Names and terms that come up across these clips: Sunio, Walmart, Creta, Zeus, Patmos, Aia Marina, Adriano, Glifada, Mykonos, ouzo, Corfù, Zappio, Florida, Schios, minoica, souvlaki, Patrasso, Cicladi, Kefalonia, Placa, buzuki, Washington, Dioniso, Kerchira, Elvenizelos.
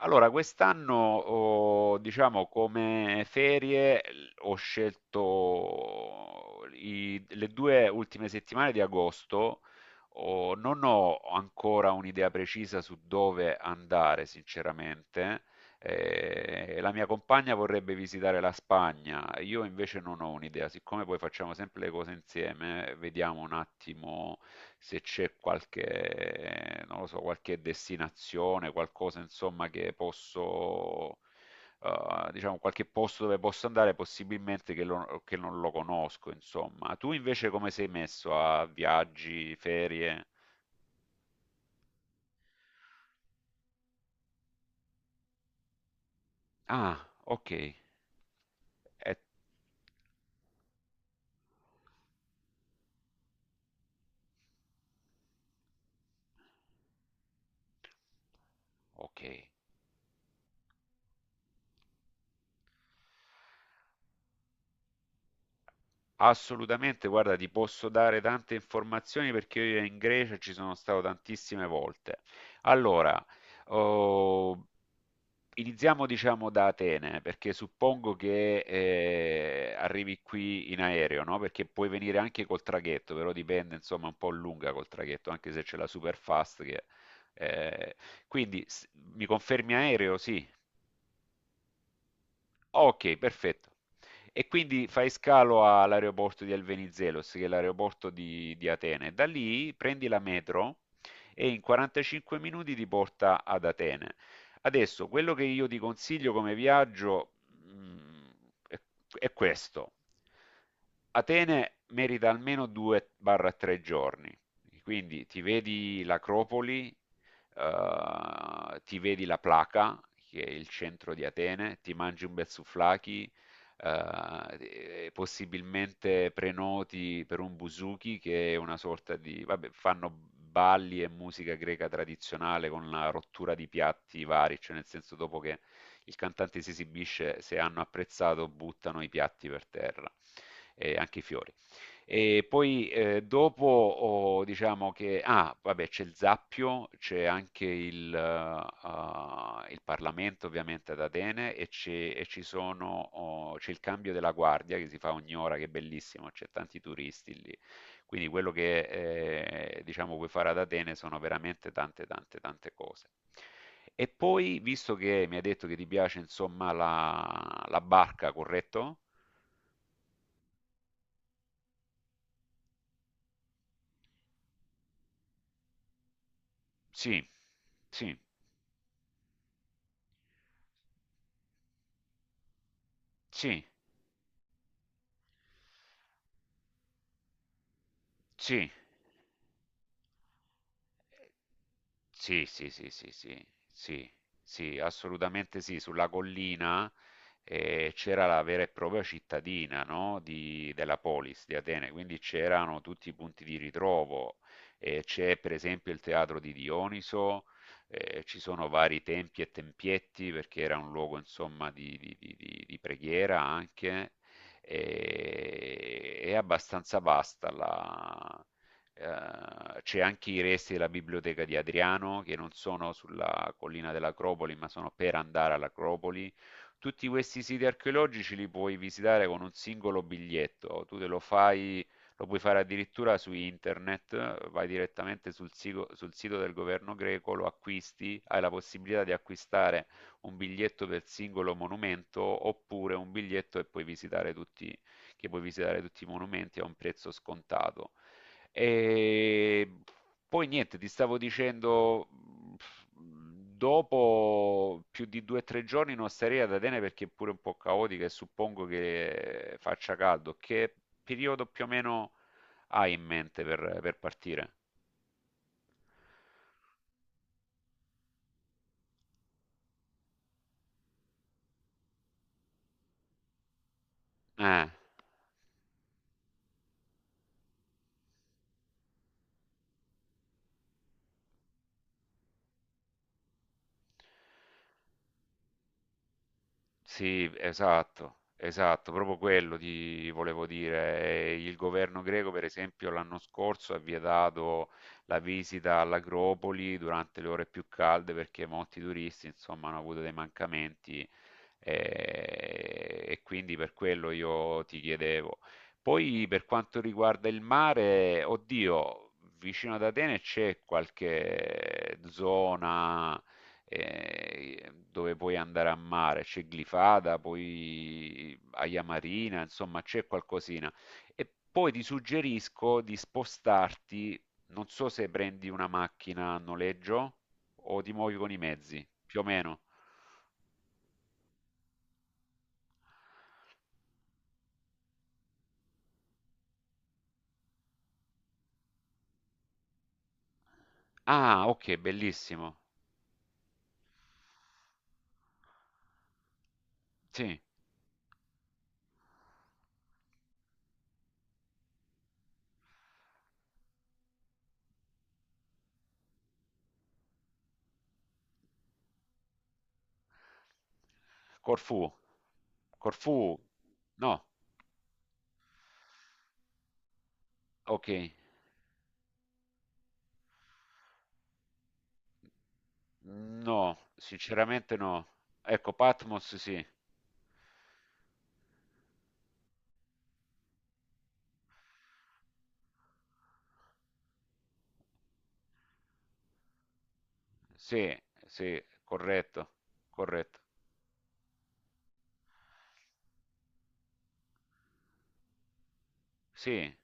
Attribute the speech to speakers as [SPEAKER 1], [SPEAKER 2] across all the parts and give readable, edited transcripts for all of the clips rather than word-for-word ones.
[SPEAKER 1] Allora, quest'anno, ho, diciamo, come ferie ho scelto le due ultime settimane di agosto. Non ho ancora un'idea precisa su dove andare, sinceramente. La mia compagna vorrebbe visitare la Spagna, io invece non ho un'idea, siccome poi facciamo sempre le cose insieme. Vediamo un attimo se c'è qualche, non lo so, qualche destinazione, qualcosa insomma che posso, diciamo, qualche posto dove posso andare, possibilmente che, che non lo conosco, insomma. Tu invece come sei messo a viaggi, ferie? Ah, ok. Eh, ok. Assolutamente, guarda, ti posso dare tante informazioni perché io in Grecia ci sono stato tantissime volte. Allora, oh, iniziamo diciamo da Atene, perché suppongo che arrivi qui in aereo, no? Perché puoi venire anche col traghetto, però dipende, insomma, un po' lunga col traghetto, anche se c'è la super fast che. eh, Quindi mi confermi aereo? Sì. Okay, perfetto. E quindi fai scalo all'aeroporto di Elvenizelos, che è l'aeroporto di Atene. Da lì prendi la metro e in 45 minuti ti porta ad Atene. Adesso, quello che io ti consiglio come viaggio, mhmm, è è questo. Atene merita almeno 2 o 3 giorni, quindi ti vedi l'Acropoli, ti vedi la Placa, che è il centro di Atene. Ti mangi un bel souvlaki, eh, e possibilmente prenoti per un buzuki, che è una sorta di, vabbè, fanno balli e musica greca tradizionale con la rottura di piatti vari, cioè nel senso dopo che il cantante si esibisce, se hanno apprezzato, buttano i piatti per terra e anche i fiori. E poi, dopo ho diciamo che ah, vabbè, c'è il Zappio, c'è anche il Parlamento ovviamente ad Atene. E c'è, e ci sono, o c'è il cambio della guardia che si fa ogni ora, che è bellissimo, c'è tanti turisti lì. Quindi quello che, diciamo, puoi fare ad Atene sono veramente tante, tante, tante cose. E poi, visto che mi hai detto che ti piace insomma la barca, corretto? Sì, sì, sì. Sì. Sì, sì, sì, sì, sì, sì, sì, assolutamente sì. Sulla collina, c'era la vera e propria cittadina, no? Della polis di Atene, quindi c'erano tutti i punti di ritrovo. C'è per esempio il teatro di Dioniso. Ci sono vari tempi e tempietti perché era un luogo insomma di preghiera anche. E, è abbastanza vasta. La C'è anche i resti della biblioteca di Adriano, che non sono sulla collina dell'Acropoli, ma sono per andare all'Acropoli. Tutti questi siti archeologici li puoi visitare con un singolo biglietto. Tu te lo fai, lo puoi fare addirittura su internet, vai direttamente sul sito del governo greco, lo acquisti, hai la possibilità di acquistare un biglietto per singolo monumento oppure un biglietto e puoi visitare tutti, che puoi visitare tutti i monumenti a un prezzo scontato. E poi niente, ti stavo dicendo, dopo più di due o tre giorni non starei ad Atene perché è pure un po' caotica e suppongo che faccia caldo. Che periodo più o meno hai in mente per partire? Eh. Sì, esatto, esatto, proprio quello ti volevo dire. Il governo greco, per esempio, l'anno scorso ha vietato la visita all'Acropoli durante le ore più calde perché molti turisti, insomma, hanno avuto dei mancamenti, e quindi per quello io ti chiedevo. Poi per quanto riguarda il mare, oddio, vicino ad Atene c'è qualche zona, dove puoi andare a mare. C'è Glifada, poi Aia Marina, insomma c'è qualcosina. E poi ti suggerisco di spostarti, non so se prendi una macchina a noleggio o ti muovi con i mezzi, più o meno. Ah, ok, bellissimo. Sì. Corfù. Corfù. No, ok. No, sinceramente no. Ecco, Patmos sì. Sì, sì, corretto, corretto. Sì,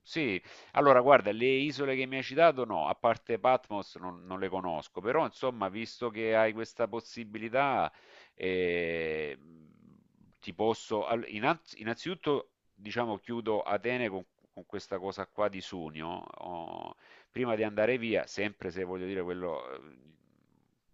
[SPEAKER 1] sì, allora guarda, le isole che mi hai citato no, a parte Patmos non le conosco, però insomma, visto che hai questa possibilità, eh, ti posso. Innanzitutto, diciamo, chiudo Atene con questa cosa qua di Sunio. Oh, Prima di andare via, sempre se voglio dire quello,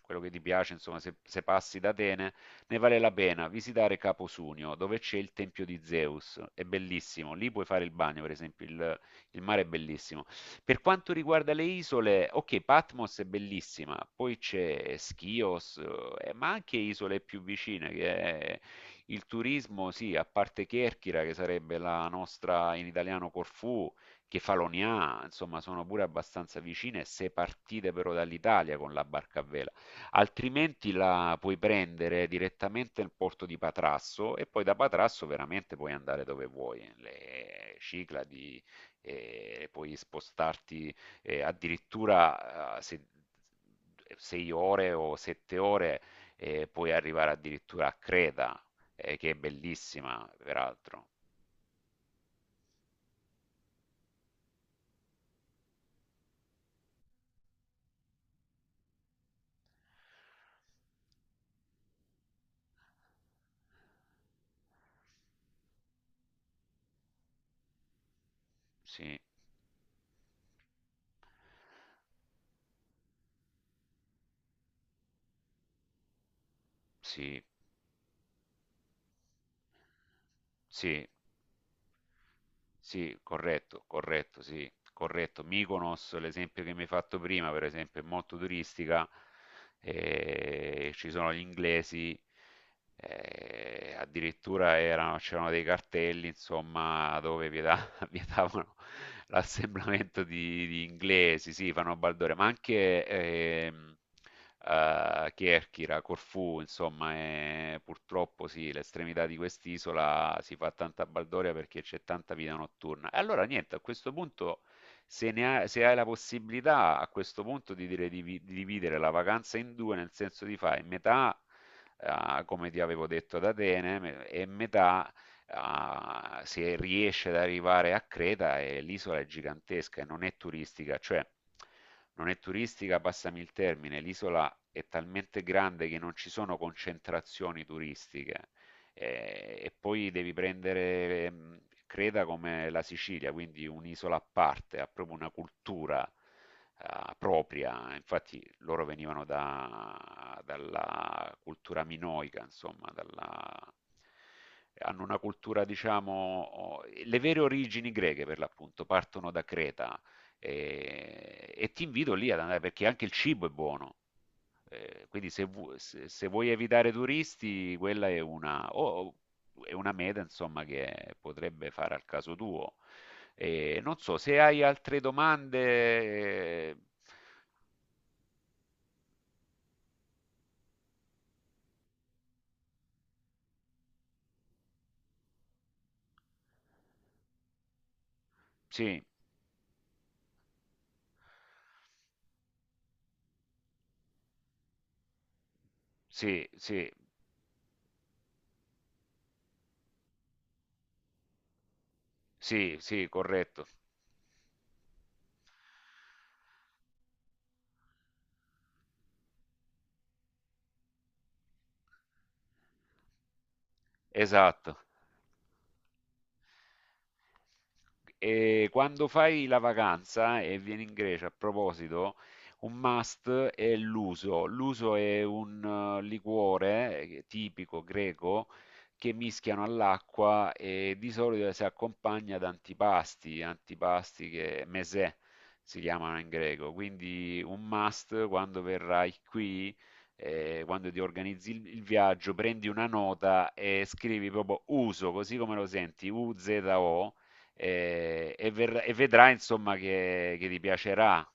[SPEAKER 1] quello che ti piace, insomma, se passi da Atene, ne vale la pena visitare Capo Sunio, dove c'è il tempio di Zeus, è bellissimo, lì puoi fare il bagno, per esempio, il mare è bellissimo. Per quanto riguarda le isole, okay, Patmos è bellissima, poi c'è Schios, ma anche isole più vicine che è il turismo sì, a parte Kerchira, che sarebbe la nostra in italiano Corfù, Kefalonia, insomma sono pure abbastanza vicine se partite però dall'Italia con la barca a vela. Altrimenti la puoi prendere direttamente nel porto di Patrasso e poi da Patrasso veramente puoi andare dove vuoi, le Cicladi, e puoi spostarti, addirittura, se, 6 ore o 7 ore, puoi arrivare addirittura a Creta, che è bellissima, peraltro. Sì, sì, sì, sì, corretto, corretto, sì, corretto. Mykonos, l'esempio che mi hai fatto prima, per esempio, è molto turistica, ci sono gli inglesi, addirittura c'erano dei cartelli, insomma, dove vietavano al mio tavolo l'assemblamento di inglesi, sì, fanno Baldore, ma anche Kerchira, Corfù, insomma, e purtroppo sì, l'estremità di quest'isola si fa tanta baldoria perché c'è tanta vita notturna. E allora niente, a questo punto, se, ne hai, se hai la possibilità, a questo punto di dire di, di dividere la vacanza in due, nel senso di fare metà, come ti avevo detto ad Atene, e metà, se riesce ad arrivare a Creta. E l'isola è gigantesca e non è turistica, cioè non è turistica, passami il termine, l'isola è talmente grande che non ci sono concentrazioni turistiche, e poi devi prendere, Creta come la Sicilia, quindi un'isola a parte, ha proprio una cultura, propria. Infatti loro venivano dalla cultura minoica, insomma, hanno una cultura, diciamo, le vere origini greche per l'appunto partono da Creta. E ti invito lì ad andare perché anche il cibo è buono. Quindi se, vu- se- se vuoi evitare turisti, quella è una, è una meta, insomma, che potrebbe fare al caso tuo. Non so, se hai altre domande, sì, sì, sì, sì, sì, corretto, esatto. E quando fai la vacanza e vieni in Grecia, a proposito, un must è l'uso. L'uso è un liquore tipico greco che mischiano all'acqua e di solito si accompagna ad antipasti, antipasti che mesè si chiamano in greco. Quindi un must quando verrai qui, quando ti organizzi il viaggio, prendi una nota e scrivi proprio uso, così come lo senti, Uzo, e vedrà insomma che ti piacerà.